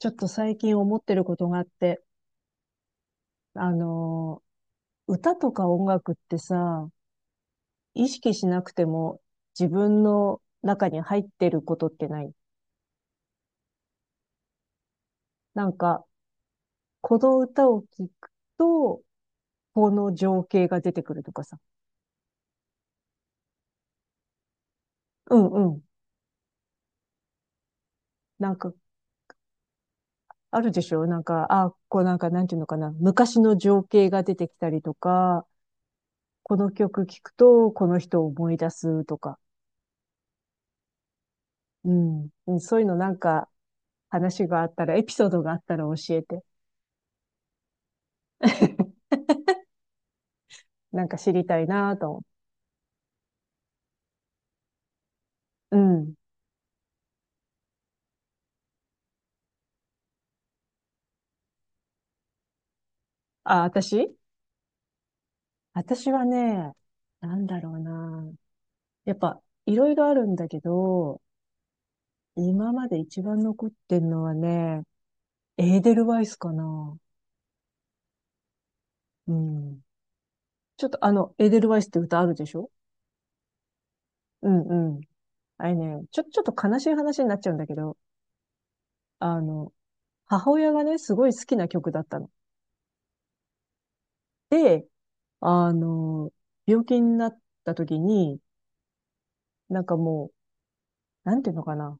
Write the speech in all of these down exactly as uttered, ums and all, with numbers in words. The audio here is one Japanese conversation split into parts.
ちょっと最近思ってることがあって、あのー、歌とか音楽ってさ、意識しなくても自分の中に入ってることってない？なんか、この歌を聴くと、この情景が出てくるとかさ。うんうん。なんか、あるでしょなんか、あ、こうなんか、なんていうのかな。昔の情景が出てきたりとか、この曲聴くと、この人を思い出すとか。うん。うんそういうのなんか、話があったら、エピソードがあったら教えて。なんか知りたいなぁと思う。うん。あ、私私はね、なんだろうなぁ。やっぱ、いろいろあるんだけど、今まで一番残ってんのはね、エーデルワイスかな。うん。ちょっとあの、エーデルワイスって歌あるでしょ？うんうん。あれね、ちょ、ちょっと悲しい話になっちゃうんだけど、あの、母親がね、すごい好きな曲だったの。で、あの、病気になった時に、なんかもう、なんていうのかな。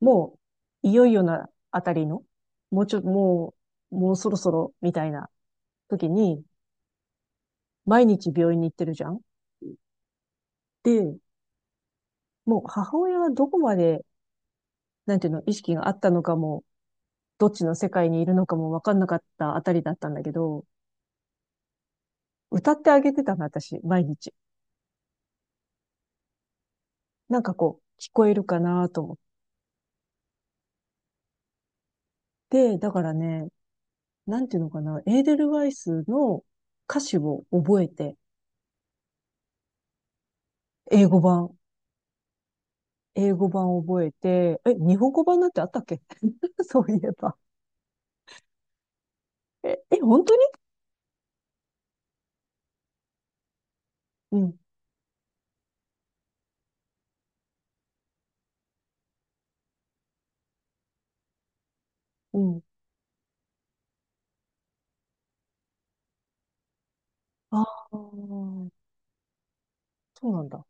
もう、いよいよなあたりの、もうちょっと、もう、もうそろそろ、みたいな時に、毎日病院に行ってるじゃん。で、もう母親はどこまで、なんていうの、意識があったのかも、どっちの世界にいるのかもわかんなかったあたりだったんだけど、歌ってあげてたの、私、毎日。なんかこう、聞こえるかなと思って、だからね、なんていうのかな、エーデルワイスの歌詞を覚えて、英語版。英語版覚えて、え、日本語版なんてあったっけ？ そういえば。え、え、本当に？うん、うん。ああ、そうなんだ。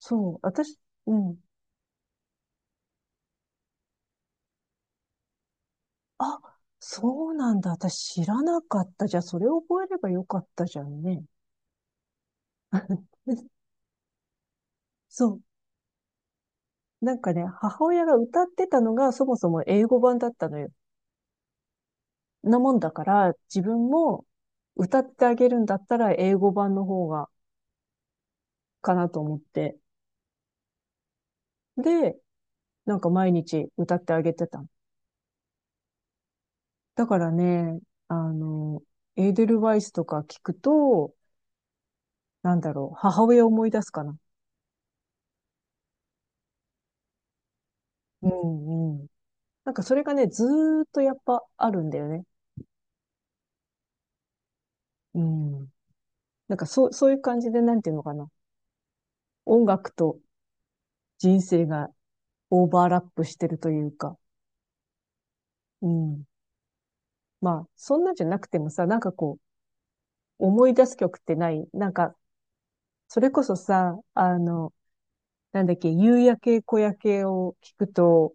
そう、私、うん。あ、そうなんだ。私知らなかった。じゃあ、それを覚えればよかったじゃんね。そう。なんかね、母親が歌ってたのがそもそも英語版だったのよ。なもんだから、自分も歌ってあげるんだったら英語版の方がかなと思って。で、なんか毎日歌ってあげてた。だからね、あの、エーデルワイスとか聞くと、なんだろう、母親を思い出すかな。うんうん。なんかそれがね、ずーっとやっぱあるんだよね。うん。なんかそう、そういう感じで、なんていうのかな。音楽と人生がオーバーラップしてるというか。うん。まあ、そんなんじゃなくてもさ、なんかこう、思い出す曲ってない？なんか、それこそさ、あの、なんだっけ、夕焼け小焼けを聞くと、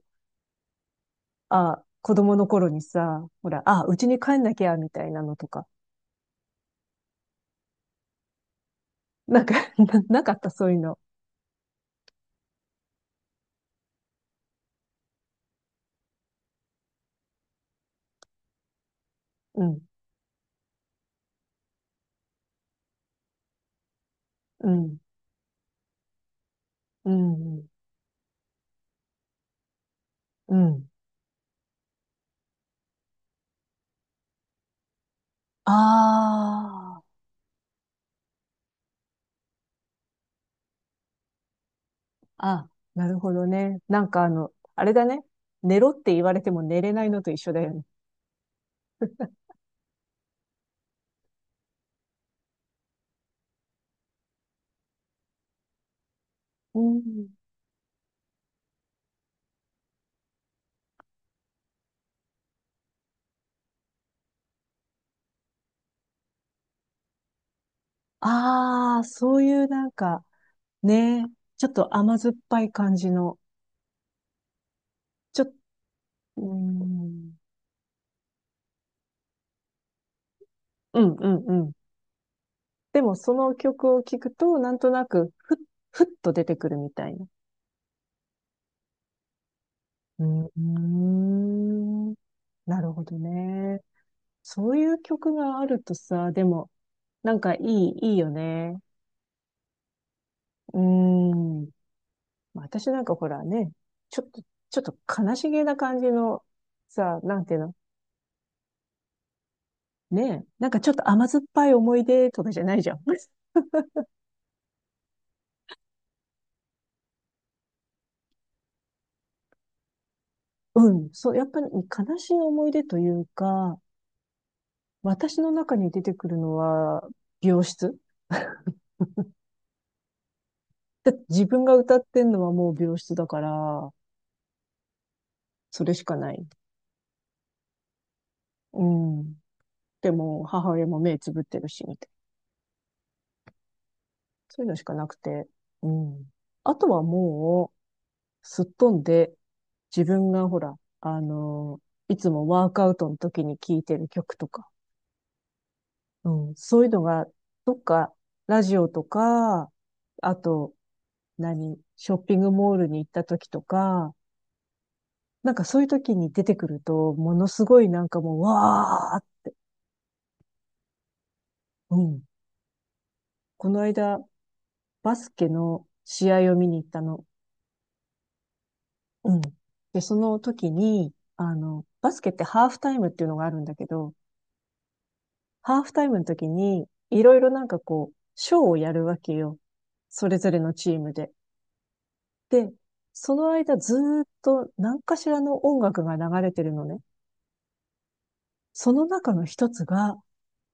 あ、子供の頃にさ、ほら、あ、うちに帰んなきゃ、みたいなのとか。なんか、な、なかった、そういうの。うん、うん、うん、うん。ああ、あ、なるほどね。なんかあの、あれだね。寝ろって言われても寝れないのと一緒だよね。うん。ああ、そういうなんか、ね、ちょっと甘酸っぱい感じの、ちょっ、うーん、うん、うん、うん。でもその曲を聴くと、なんとなく、ふふっと出てくるみたいな。うーん。なるほどね。そういう曲があるとさ、でも、なんかいい、いいよね。うーん。私なんかほらね、ちょっと、ちょっと悲しげな感じの、さ、なんていうのねえ、なんかちょっと甘酸っぱい思い出とかじゃないじゃん。うん。そう、やっぱり悲しい思い出というか、私の中に出てくるのは、病室。だって自分が歌ってんのはもう病室だから、それしかない。うん。でも、母親も目つぶってるし、みたいな。そういうのしかなくて。うん。あとはもう、すっ飛んで、自分がほら、あのーいつもワークアウトの時に聴いてる曲とか、うん、そういうのが、どっか、ラジオとか、あと、何、ショッピングモールに行った時とか、なんかそういう時に出てくると、ものすごいなんかもう、わー、うん。この間、バスケの試合を見に行ったの。うん。で、その時に、あの、バスケってハーフタイムっていうのがあるんだけど、ハーフタイムの時に、いろいろなんかこう、ショーをやるわけよ。それぞれのチームで。で、その間ずーっと何かしらの音楽が流れてるのね。その中の一つが、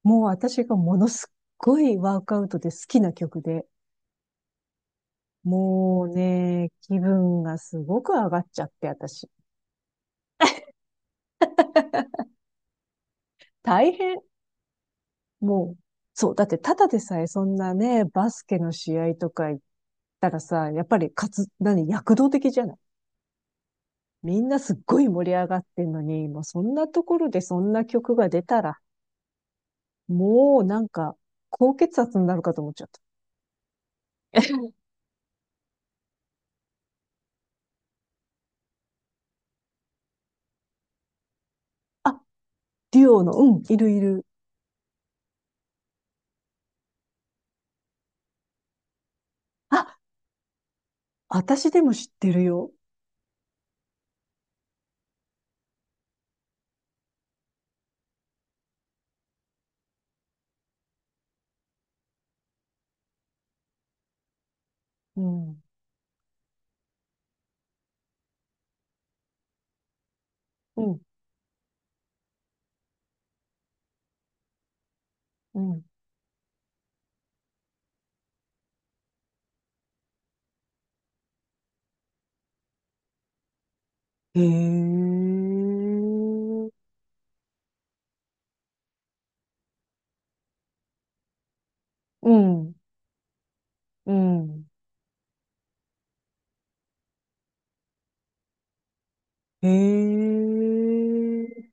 もう私がものすっごいワークアウトで好きな曲で、もうね、気分がすごく上がっちゃって、私。大変。もう、そう、だってただでさえそんなね、バスケの試合とか行ったらさ、やっぱりかつ、何、躍動的じゃない？みんなすっごい盛り上がってんのに、もうそんなところでそんな曲が出たら、もうなんか、高血圧になるかと思っちゃった。あ、デュオの、うん、いるいる。あ、私でも知ってるよ。うん、うん、うん。へえ、うん、うん、へえ、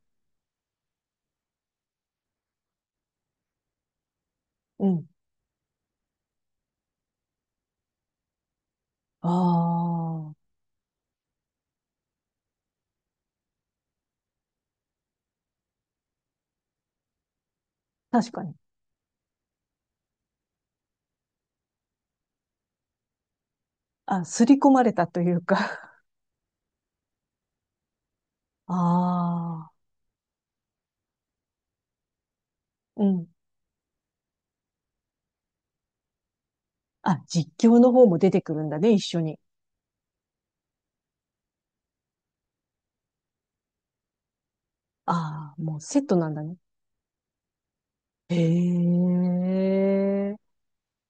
うん。ああ。確かに。あ、刷り込まれたというか。ああ、うん。あ、実況の方も出てくるんだね、一緒に。ああ、もうセットなんだね。へえ。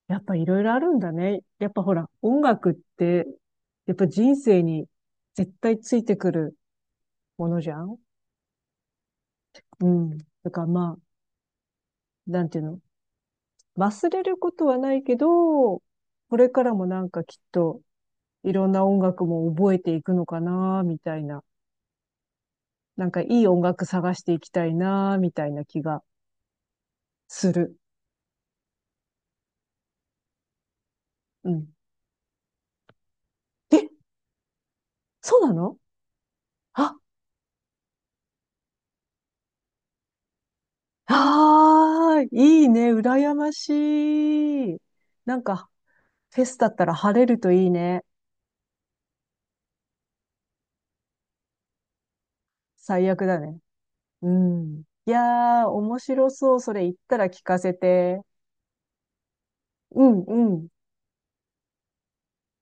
やっぱいろいろあるんだね。やっぱほら、音楽って、やっぱ人生に絶対ついてくるものじゃん。うん。だからまあ、なんていうの。忘れることはないけど、これからもなんかきっといろんな音楽も覚えていくのかな、みたいな。なんかいい音楽探していきたいな、みたいな気がする。うん。え、そうなの？あ、ああ、いいね、羨ましい。なんか、フェスだったら晴れるといいね。最悪だね。うん。いやー、面白そう。それ言ったら聞かせて。うん、うん。